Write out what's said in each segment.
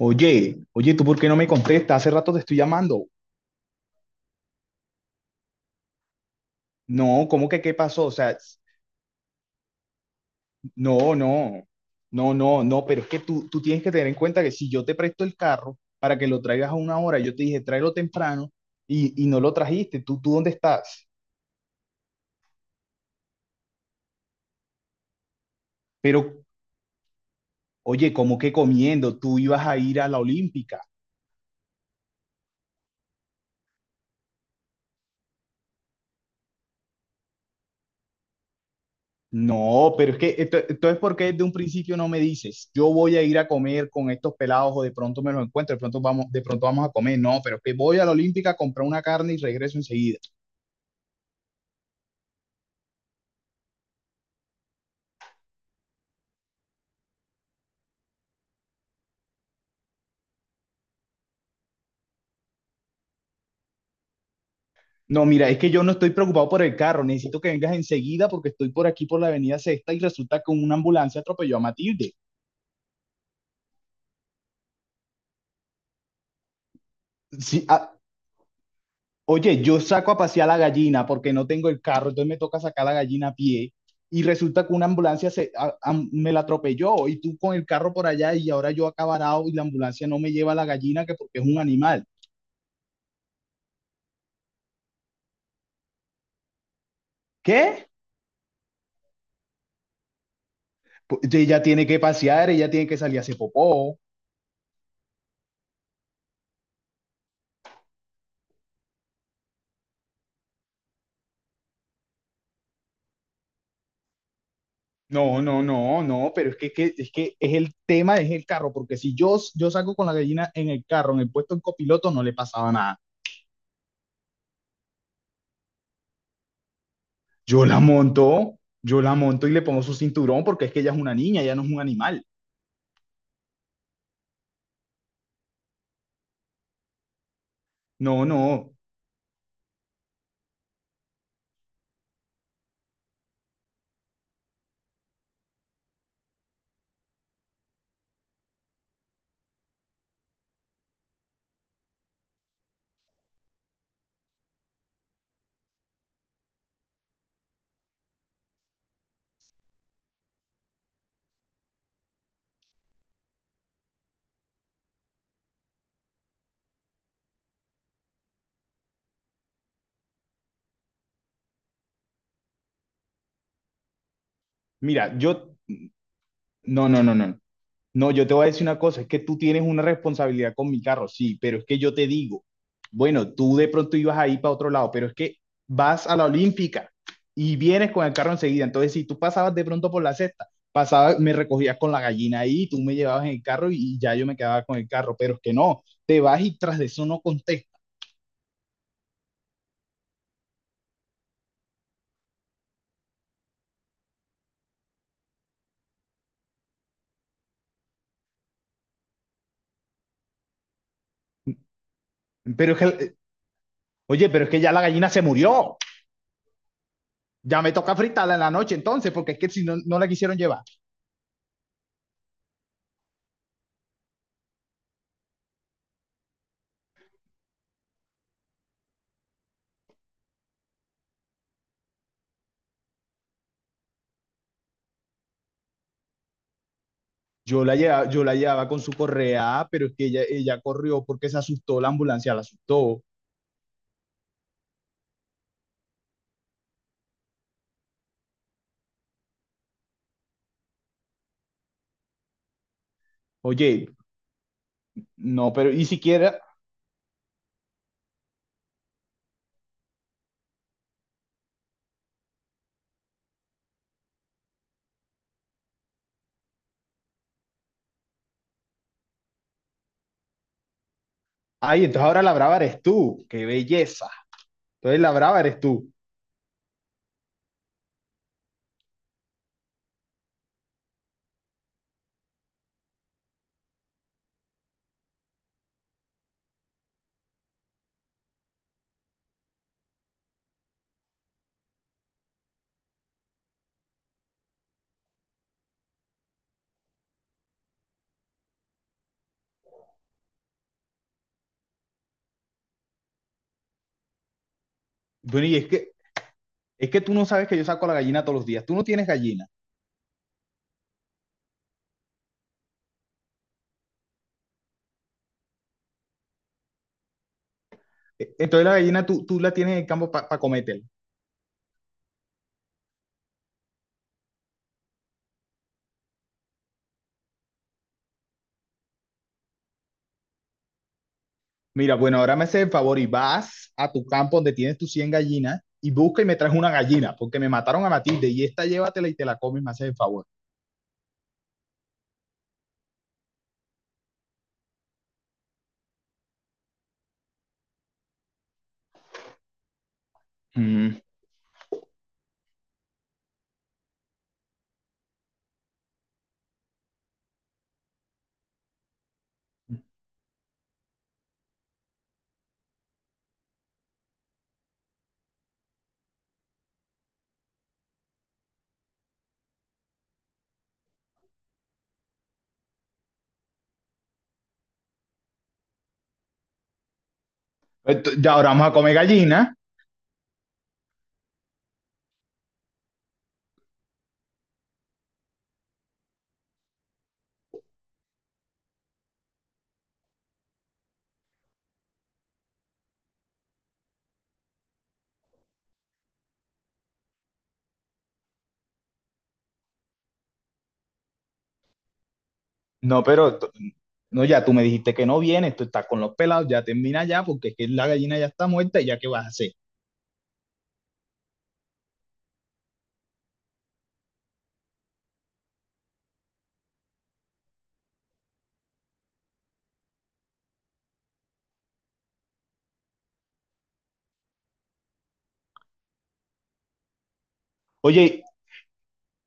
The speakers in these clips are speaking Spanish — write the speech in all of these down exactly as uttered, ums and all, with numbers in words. Oye, oye, ¿tú por qué no me contestas? Hace rato te estoy llamando. No, ¿cómo que qué pasó? O sea, s- no, no, no, no, no, pero es que tú, tú tienes que tener en cuenta que si yo te presto el carro para que lo traigas a una hora, yo te dije tráelo temprano y, y no lo trajiste. ¿Tú, tú dónde estás? Pero, oye, ¿cómo que comiendo? Tú ibas a ir a la Olímpica. No, pero es que esto- entonces, ¿por qué desde un principio no me dices, yo voy a ir a comer con estos pelados o de pronto me los encuentro, de pronto vamos, de pronto vamos a comer? No, pero es que voy a la Olímpica a comprar una carne y regreso enseguida. No, mira, es que yo no estoy preocupado por el carro, necesito que vengas enseguida porque estoy por aquí por la Avenida Sexta y resulta que una ambulancia atropelló a Matilde. Sí, ah, oye, yo saco a pasear la gallina porque no tengo el carro, entonces me toca sacar la gallina a pie y resulta que una ambulancia se, a- a- me la atropelló y tú con el carro por allá y ahora yo acá varado y la ambulancia no me lleva a la gallina que porque es un animal. ¿Qué? Pues, ella tiene que pasear, ella tiene que salir a hacer popó. No, no, no, no, pero es que, que- es que es el tema, es el carro, porque si yo, yo saco con la gallina en el carro, en el puesto en copiloto, no le pasaba nada. Yo la monto, yo la monto y le pongo su cinturón porque es que ella es una niña, ella no es un animal. No, no. Mira, yo, no, no, no, no. No, yo te voy a decir una cosa, es que tú tienes una responsabilidad con mi carro, sí, pero es que yo te digo, bueno, tú de pronto ibas ahí para otro lado, pero es que vas a la Olímpica y vienes con el carro enseguida. Entonces, si tú pasabas de pronto por la cesta, pasabas, me recogías con la gallina ahí, tú me llevabas en el carro y, y ya yo me quedaba con el carro, pero es que no, te vas y tras de eso no contestas. Pero es que, eh, oye, pero es que ya la gallina se murió. Ya me toca fritarla en la noche entonces, porque es que si no, no la quisieron llevar. Yo la llevaba, yo la llevaba con su correa, "Ah, pero es que ella, ella corrió porque se asustó, la ambulancia la asustó. Oye, no, pero y siquiera, ay, entonces ahora la brava eres tú, qué belleza. Entonces la brava eres tú. Bueno, y es que, es que tú no sabes que yo saco la gallina todos los días, tú no tienes gallina. E- Entonces la gallina tú, tú la tienes en el campo para cometer. Mira, bueno, ahora me haces el favor y vas a tu campo donde tienes tus cien gallinas y busca y me traes una gallina, porque me mataron a Matilde y esta llévatela y te la comes, me haces el favor. Mm. Ento- ya ahora vamos a comer gallina. No, pero t- no, ya tú me dijiste que no vienes, tú estás con los pelados, ya termina ya, porque es que la gallina ya está muerta y ya qué vas a hacer. Oye,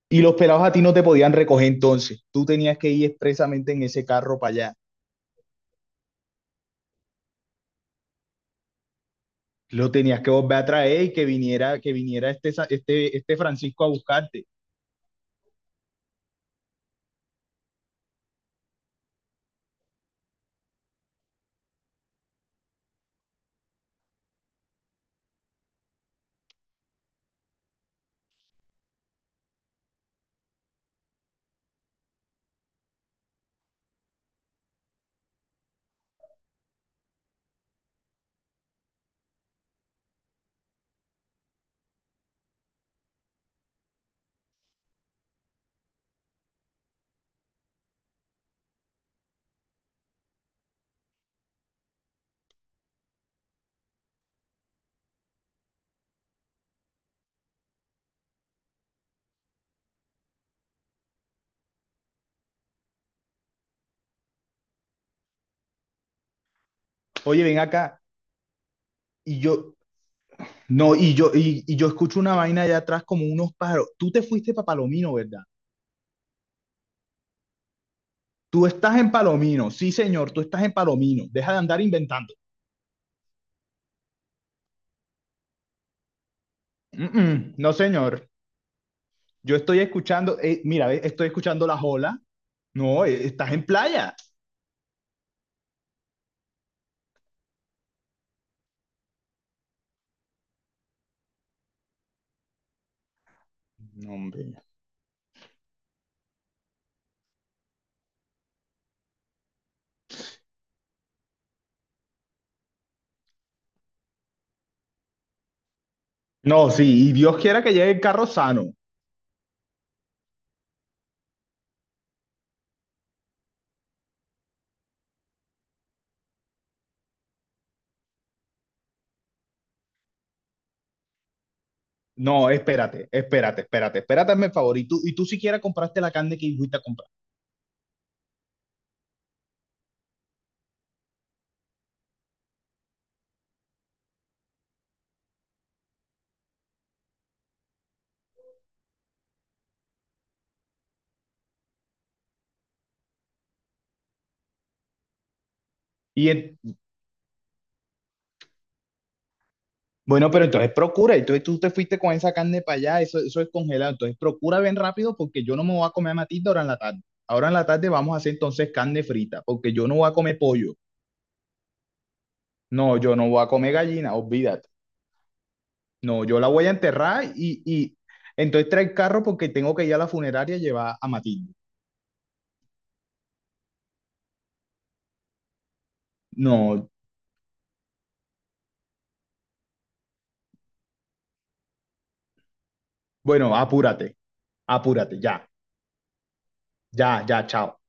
y los pelados a ti no te podían recoger entonces, tú tenías que ir expresamente en ese carro para allá, lo tenías que volver a traer y que viniera, que viniera este, sa- este, este Francisco a buscarte. Oye, ven acá, y yo, no, y yo, y, y yo escucho una vaina allá atrás como unos pájaros. Tú te fuiste para Palomino, ¿verdad? Tú estás en Palomino, sí señor, tú estás en Palomino, deja de andar inventando. Mm, mm, no señor. Yo estoy escuchando, eh, mira, ve, estoy escuchando las olas. No, eh, estás en playa. No, hombre. No, sí, y Dios quiera que llegue el carro sano. No, espérate, espérate, espérate, espérate, mi favor. Y tú, y tú siquiera compraste la carne que fuiste a comprar. Y en- bueno, pero entonces procura. Entonces tú te fuiste con esa carne para allá, eso, eso es congelado. Entonces procura bien rápido porque yo no me voy a comer a matilda ahora en la tarde. Ahora en la tarde vamos a hacer entonces carne frita porque yo no voy a comer pollo. No, yo no voy a comer gallina, olvídate. No, yo la voy a enterrar y, y entonces trae el carro porque tengo que ir a la funeraria y llevar a Matilde. No, bueno, apúrate, apúrate, ya, ya, ya, chao.